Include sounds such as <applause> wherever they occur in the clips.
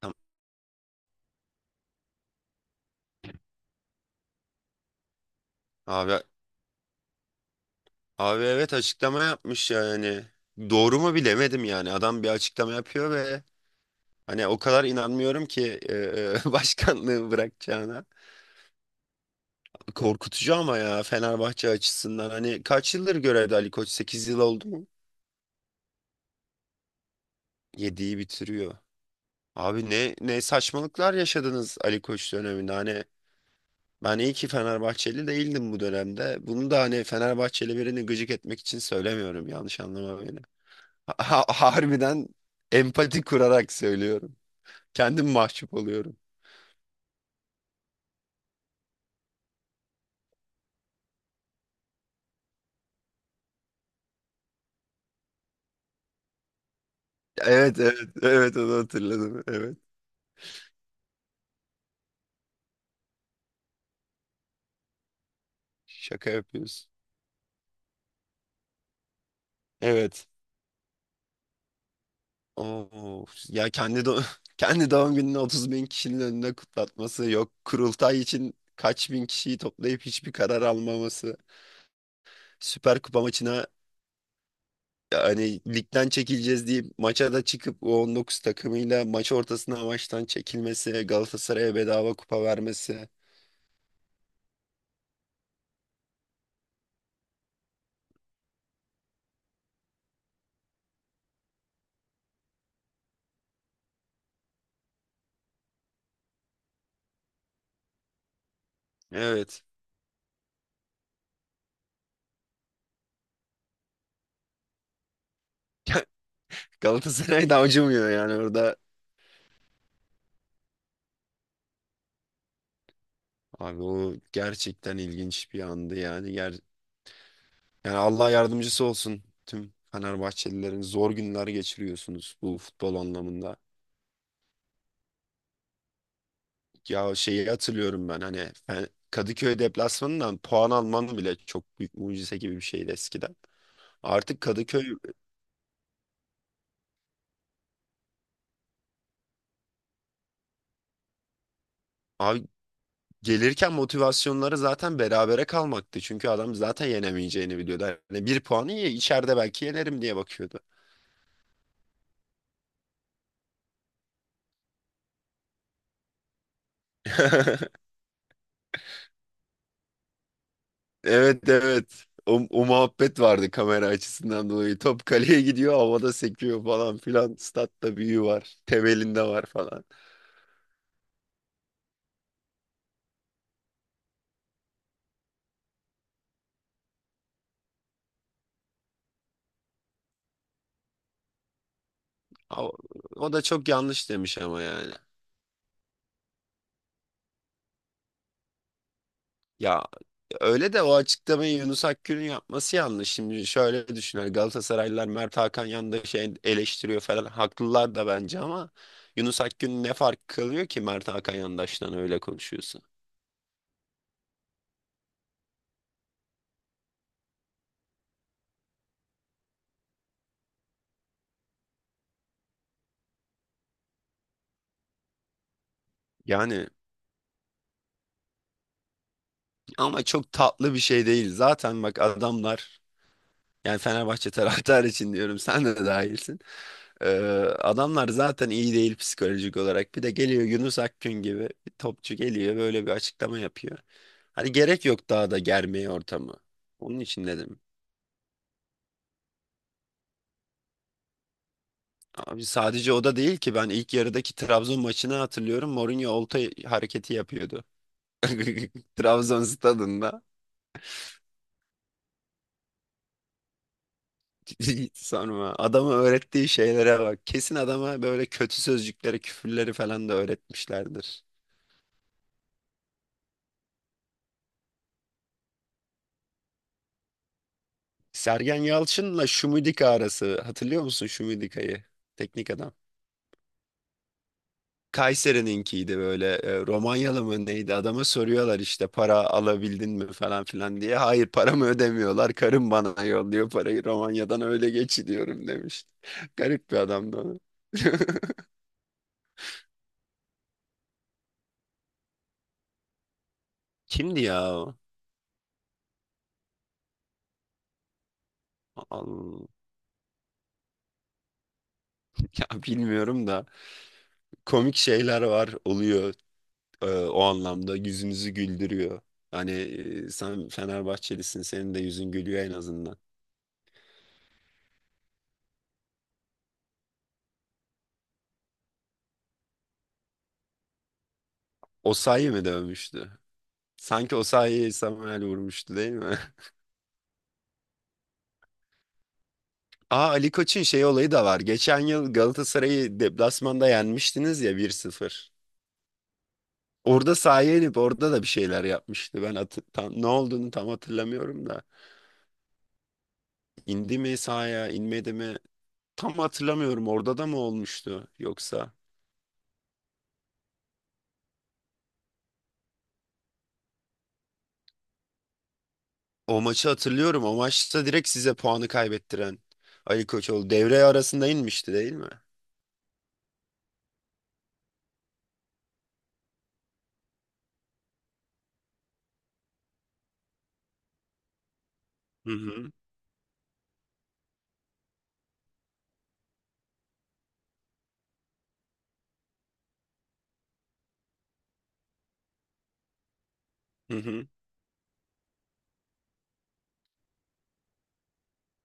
Tamam. Abi, abi, evet açıklama yapmış yani. Doğru mu bilemedim yani. Adam bir açıklama yapıyor ve hani o kadar inanmıyorum ki <laughs> başkanlığı bırakacağına. Korkutucu ama ya Fenerbahçe açısından. Hani kaç yıldır görevde Ali Koç? Sekiz yıl oldu mu? 7'yi bitiriyor. Abi ne saçmalıklar yaşadınız Ali Koç döneminde. Hani ben iyi ki Fenerbahçeli değildim bu dönemde. Bunu da hani Fenerbahçeli birini gıcık etmek için söylemiyorum. Yanlış anlama beni. Harbiden empati kurarak söylüyorum. Kendim mahcup oluyorum. Evet, evet, evet, onu hatırladım. Evet. Şaka yapıyorsun. Evet. Oo, ya kendi do <laughs> kendi doğum gününü 30 bin kişinin önünde kutlatması yok. Kurultay için kaç bin kişiyi toplayıp hiçbir karar almaması. Süper Kupa maçına hani ligden çekileceğiz diye maça da çıkıp o 19 takımıyla maç ortasında maçtan çekilmesi, Galatasaray'a bedava kupa vermesi. Evet. <laughs> Galatasaray da acımıyor yani orada. Abi o gerçekten ilginç bir andı yani. Yani Allah yardımcısı olsun tüm Fenerbahçelilerin, zor günler geçiriyorsunuz bu futbol anlamında. Ya şeyi hatırlıyorum ben hani Kadıköy deplasmanından puan alman bile çok büyük mucize gibi bir şeydi eskiden. Artık Kadıköy abi, gelirken motivasyonları zaten berabere kalmaktı. Çünkü adam zaten yenemeyeceğini biliyordu. Hani bir puanı ye, içeride belki yenerim diye bakıyordu. <laughs> Evet, evet. O, o muhabbet vardı kamera açısından dolayı. Top kaleye gidiyor, havada sekiyor falan filan. Statta büyü var, temelinde var falan. O, o da çok yanlış demiş ama yani. Ya öyle de o açıklamayı Yunus Akgül'ün yapması yanlış. Şimdi şöyle düşünür Galatasaraylılar: Mert Hakan yanında şey eleştiriyor falan. Haklılar da bence ama Yunus Akgül ne fark kalıyor ki Mert Hakan yandaştan öyle konuşuyorsa. Yani ama çok tatlı bir şey değil. Zaten bak adamlar, yani Fenerbahçe <laughs> taraftarı için diyorum, sen de dahilsin. Ee, Adamlar zaten iyi değil psikolojik olarak. Bir de geliyor Yunus Akgün gibi bir topçu, geliyor böyle bir açıklama yapıyor. Hani gerek yok daha da germeye ortamı. Onun için dedim. Abi sadece o da değil ki, ben ilk yarıdaki Trabzon maçını hatırlıyorum. Mourinho olta hareketi yapıyordu. <laughs> Trabzon stadında. <laughs> Sorma. Adama öğrettiği şeylere bak. Kesin adama böyle kötü sözcükleri, küfürleri falan da öğretmişlerdir. Sergen Yalçın'la Şumidika arası. Hatırlıyor musun Şumidika'yı? Teknik adam. Kayseri'ninkiydi böyle Romanyalı mı neydi, adama soruyorlar işte para alabildin mi falan filan diye. Hayır, paramı ödemiyorlar, karım bana yolluyor parayı Romanya'dan öyle geçiriyorum demiş. <laughs> Garip bir adamdı o. <laughs> Kimdi ya, o? Al- Ya bilmiyorum da komik şeyler var, oluyor o anlamda yüzünüzü güldürüyor. Hani sen Fenerbahçelisin, senin de yüzün gülüyor en azından. Osayi mi dövmüştü? Sanki Osayi'yi Samuel vurmuştu değil mi? <laughs> Aa, Ali Koç'un şey olayı da var. Geçen yıl Galatasaray'ı deplasmanda yenmiştiniz ya 1-0. Orada sahaya inip orada da bir şeyler yapmıştı. Ben tam, ne olduğunu tam hatırlamıyorum da. İndi mi sahaya, inmedi mi? Tam hatırlamıyorum. Orada da mı olmuştu yoksa? O maçı hatırlıyorum. O maçta direkt size puanı kaybettiren Ali Koçoğlu devre arasında inmişti değil mi? Hı hı. Hı hı.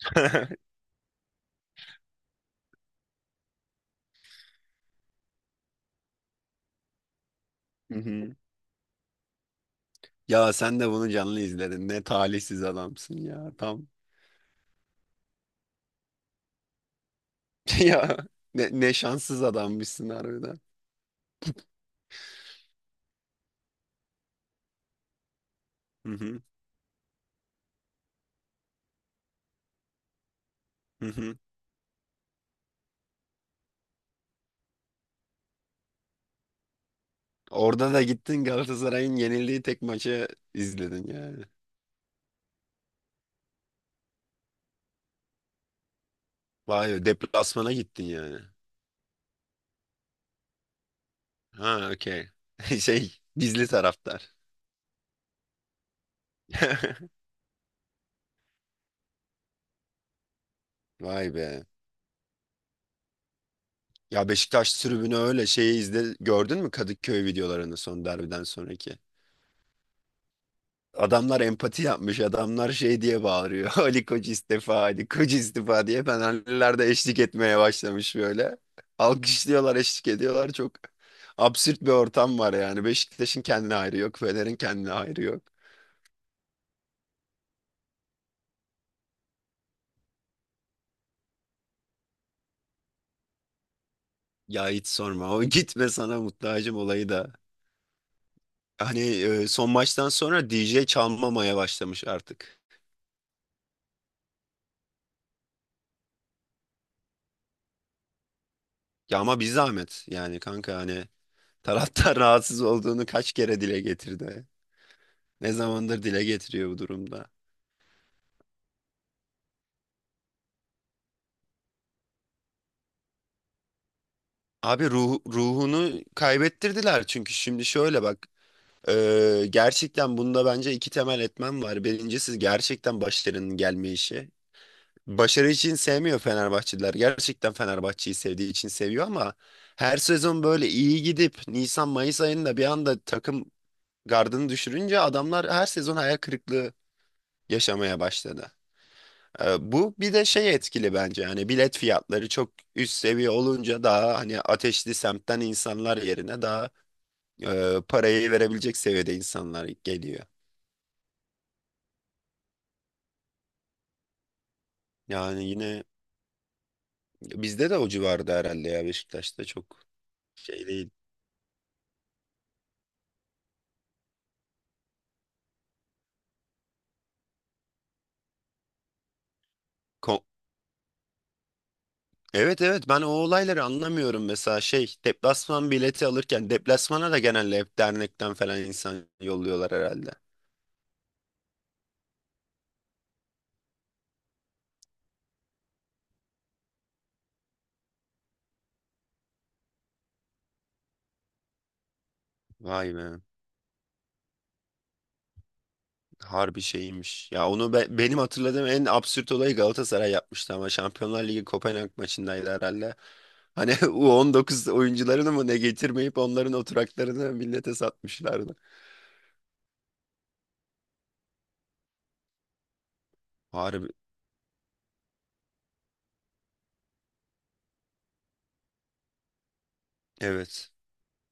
<laughs> Hı hı. Ya sen de bunu canlı izledin. Ne talihsiz adamsın ya. Tam <laughs> ya ne şanssız adammışsın harbiden. Hı hı, hı hı. Orada da gittin Galatasaray'ın yenildiği tek maçı izledin yani. Vay be, deplasmana gittin yani. Ha, okey. <laughs> Şey, gizli taraftar. <laughs> Vay be. Ya Beşiktaş tribünü, öyle şeyi izle, gördün mü Kadıköy videolarını son derbiden sonraki? Adamlar empati yapmış. Adamlar şey diye bağırıyor. <laughs> Ali Koç istifa, Ali Koç istifa diye, fenerliler de eşlik etmeye başlamış böyle. Alkışlıyorlar, eşlik ediyorlar. Çok absürt bir ortam var yani. Beşiktaş'ın kendine hayrı yok, Fener'in kendine hayrı yok. Ya hiç sorma. O <laughs> gitme sana muhtacım olayı da. Hani son maçtan sonra DJ çalmamaya başlamış artık. Ya ama bir zahmet yani kanka, hani taraftar <laughs> rahatsız olduğunu kaç kere dile getirdi. Ne zamandır dile getiriyor bu durumda. Abi ruhunu kaybettirdiler, çünkü şimdi şöyle bak, gerçekten bunda bence iki temel etmen var. Birincisi gerçekten başarının gelme işi. Başarı için sevmiyor Fenerbahçeliler. Gerçekten Fenerbahçe'yi sevdiği için seviyor ama her sezon böyle iyi gidip Nisan-Mayıs ayında bir anda takım gardını düşürünce adamlar her sezon hayal kırıklığı yaşamaya başladı. Bu bir de şey etkili bence, yani bilet fiyatları çok üst seviye olunca daha hani ateşli semtten insanlar yerine daha parayı verebilecek seviyede insanlar geliyor. Yani yine bizde de o civarda herhalde, ya Beşiktaş'ta çok şey değil. Ko- evet, evet, ben o olayları anlamıyorum mesela, şey, deplasman bileti alırken deplasmana da genelde hep dernekten falan insan yolluyorlar herhalde. Vay be, harbi şeymiş. Ya onu benim hatırladığım en absürt olayı Galatasaray yapmıştı ama Şampiyonlar Ligi Kopenhag maçındaydı herhalde. Hani <laughs> U19 oyuncularını mı ne getirmeyip onların oturaklarını millete satmışlardı. Harbi. Evet.